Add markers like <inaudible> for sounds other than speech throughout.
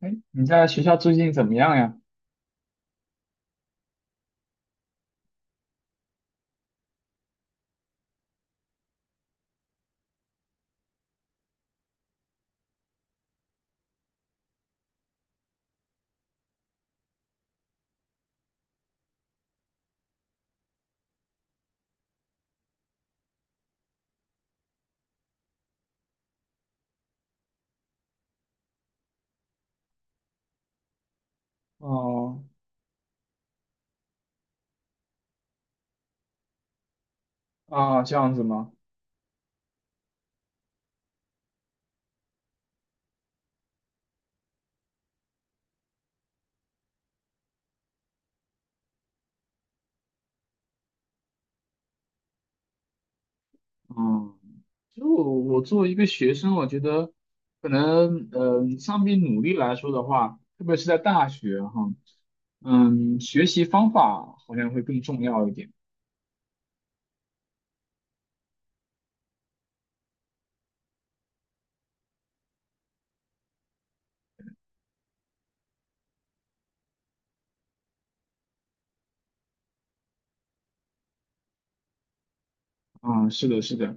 哎，你在学校最近怎么样呀？哦。啊，这样子吗？嗯，就我作为一个学生，我觉得可能，相比努力来说的话，特别是在大学哈，学习方法好像会更重要一点。嗯，是的，是的，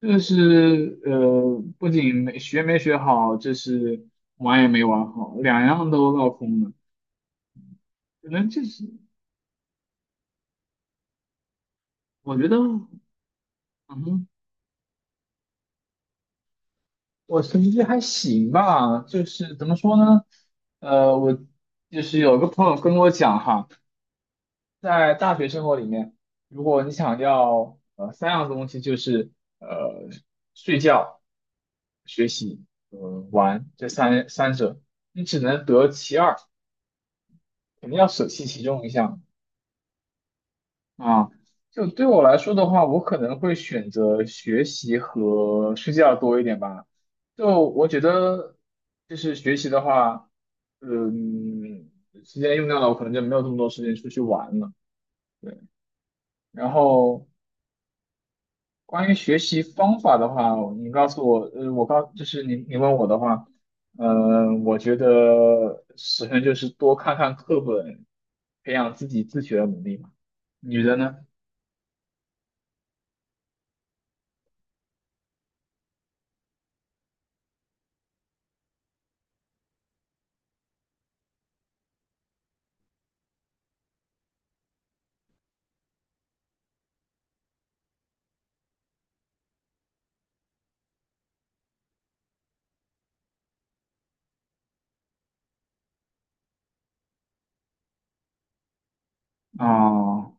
这是不仅没学好，这是玩也没玩好，两样都落空了。可能这是我觉得，嗯哼。我成绩还行吧，就是怎么说呢？我就是有个朋友跟我讲哈，在大学生活里面，如果你想要三样东西，就是呃睡觉、学习、呃玩这三者，你只能得其二，肯定要舍弃其中一项。啊，就对我来说的话，我可能会选择学习和睡觉多一点吧。就我觉得，就是学习的话，嗯，时间用掉了，我可能就没有这么多时间出去玩了。然后关于学习方法的话，你告诉我，呃，我告，就是你问我的话，我觉得首先就是多看看课本，培养自己自学的能力嘛。你觉得呢？啊、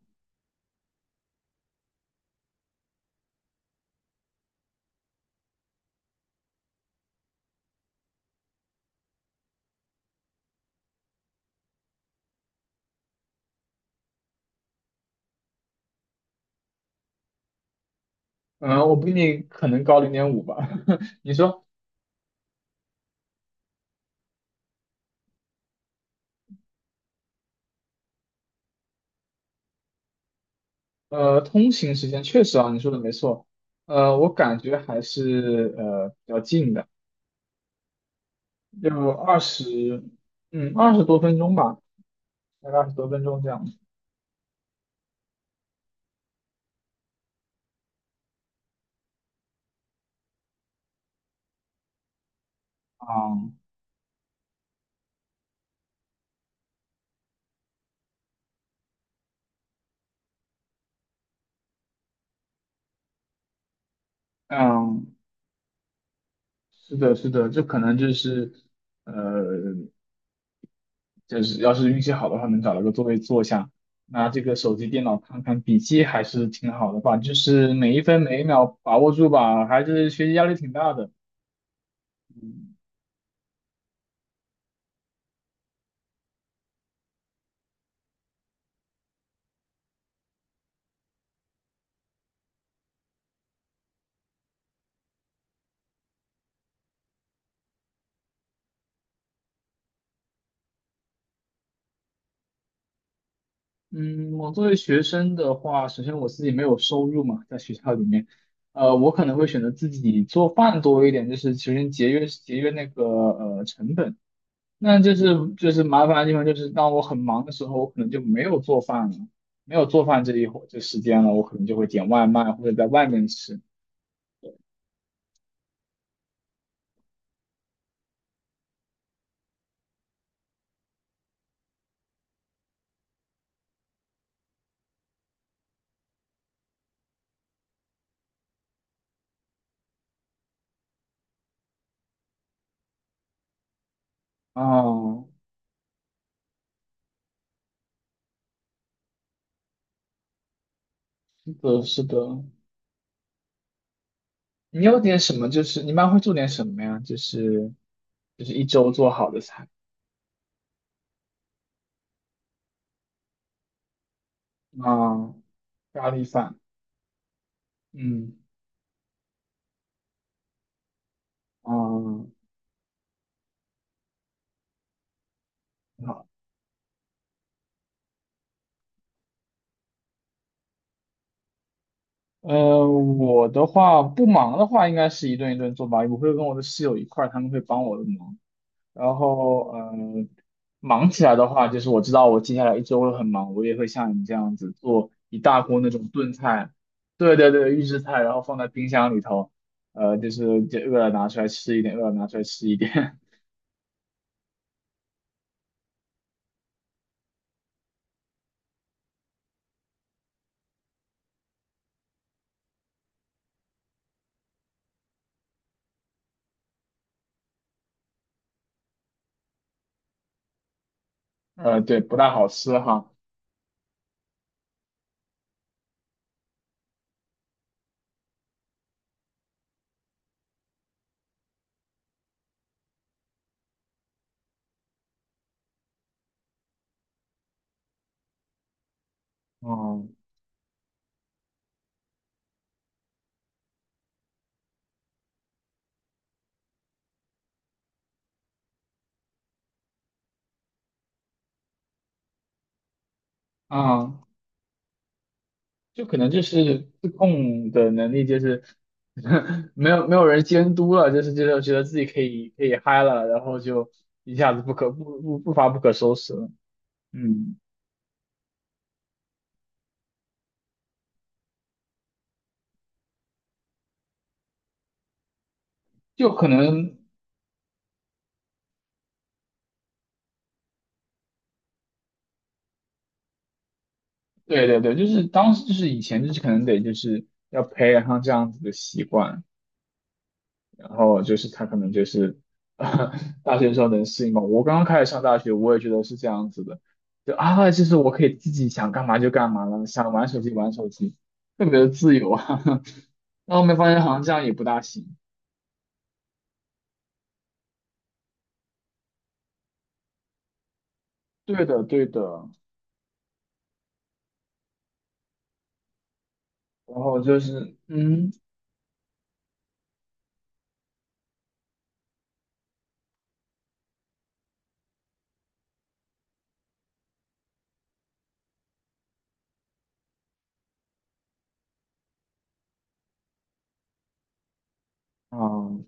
嗯，我比你可能高0.5吧。<laughs> 你说，通行时间确实啊，你说的没错。我感觉还是比较近的，就二十，嗯，二十多分钟吧，大概二十多分钟这样。嗯嗯，是的，是的，这可能就是，呃，就是要是运气好的话，能找到个座位坐下，拿这个手机、电脑看看笔记，还是挺好的吧。就是每一分每一秒把握住吧，还是学习压力挺大的。嗯，我作为学生的话，首先我自己没有收入嘛，在学校里面，我可能会选择自己做饭多一点，就是首先节约节约那个成本。那就是麻烦的地方就是，当我很忙的时候，我可能就没有做饭了，没有做饭这一会这时间了，我可能就会点外卖或者在外面吃。啊，是的，是的。你有点什么？就是你一般会做点什么呀？就是一周做好的菜啊，咖喱饭，嗯。啊，好，我的话不忙的话，应该是一顿一顿做吧。我会跟我的室友一块儿，他们会帮我的忙。然后，忙起来的话，就是我知道我接下来一周会很忙，我也会像你这样子做一大锅那种炖菜，对对对，预制菜，然后放在冰箱里头，就是就饿了拿出来吃一点，饿了拿出来吃一点。<laughs> 对，不大好吃哈，嗯嗯。啊，就可能就是自控的能力，就是 <laughs> 没有人监督了，就是觉得自己可以嗨了，然后就一下子不可不不不发不可收拾了。嗯，就可能对对对，就是当时就是以前就是可能得就是要培养上这样子的习惯。然后就是他可能就是，<laughs> 大学的时候能适应嘛。我刚刚开始上大学，我也觉得是这样子的，就啊，就是我可以自己想干嘛就干嘛了，想玩手机玩手机，特别的自由啊。<laughs> 然后后面发现好像这样也不大行。对的，对的。然后就是，嗯，啊，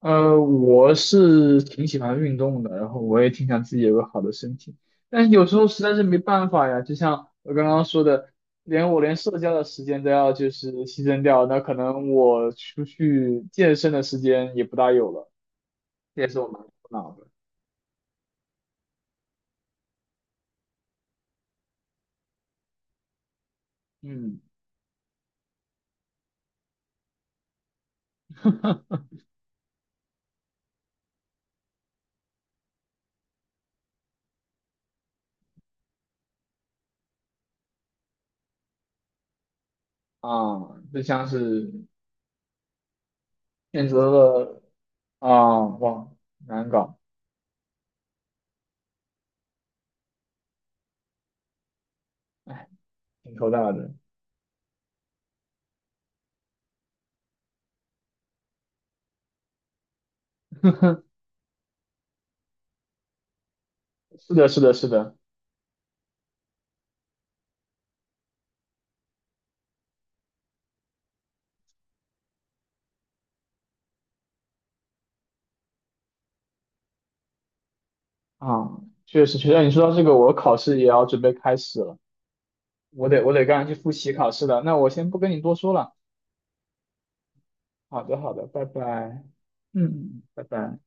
我是挺喜欢运动的，然后我也挺想自己有个好的身体，但是有时候实在是没办法呀。就像我刚刚说的，连我连社交的时间都要就是牺牲掉，那可能我出去健身的时间也不大有了，这也是我蛮苦恼的。嗯，<laughs> 啊，就像是选择了啊，哇，难搞，哎，挺头大的。<laughs> 是的，是的，是的。啊，确实确实，哎你说到这个，我考试也要准备开始了，我得赶紧去复习考试了。那我先不跟你多说了。好的好的，拜拜。嗯，嗯拜拜。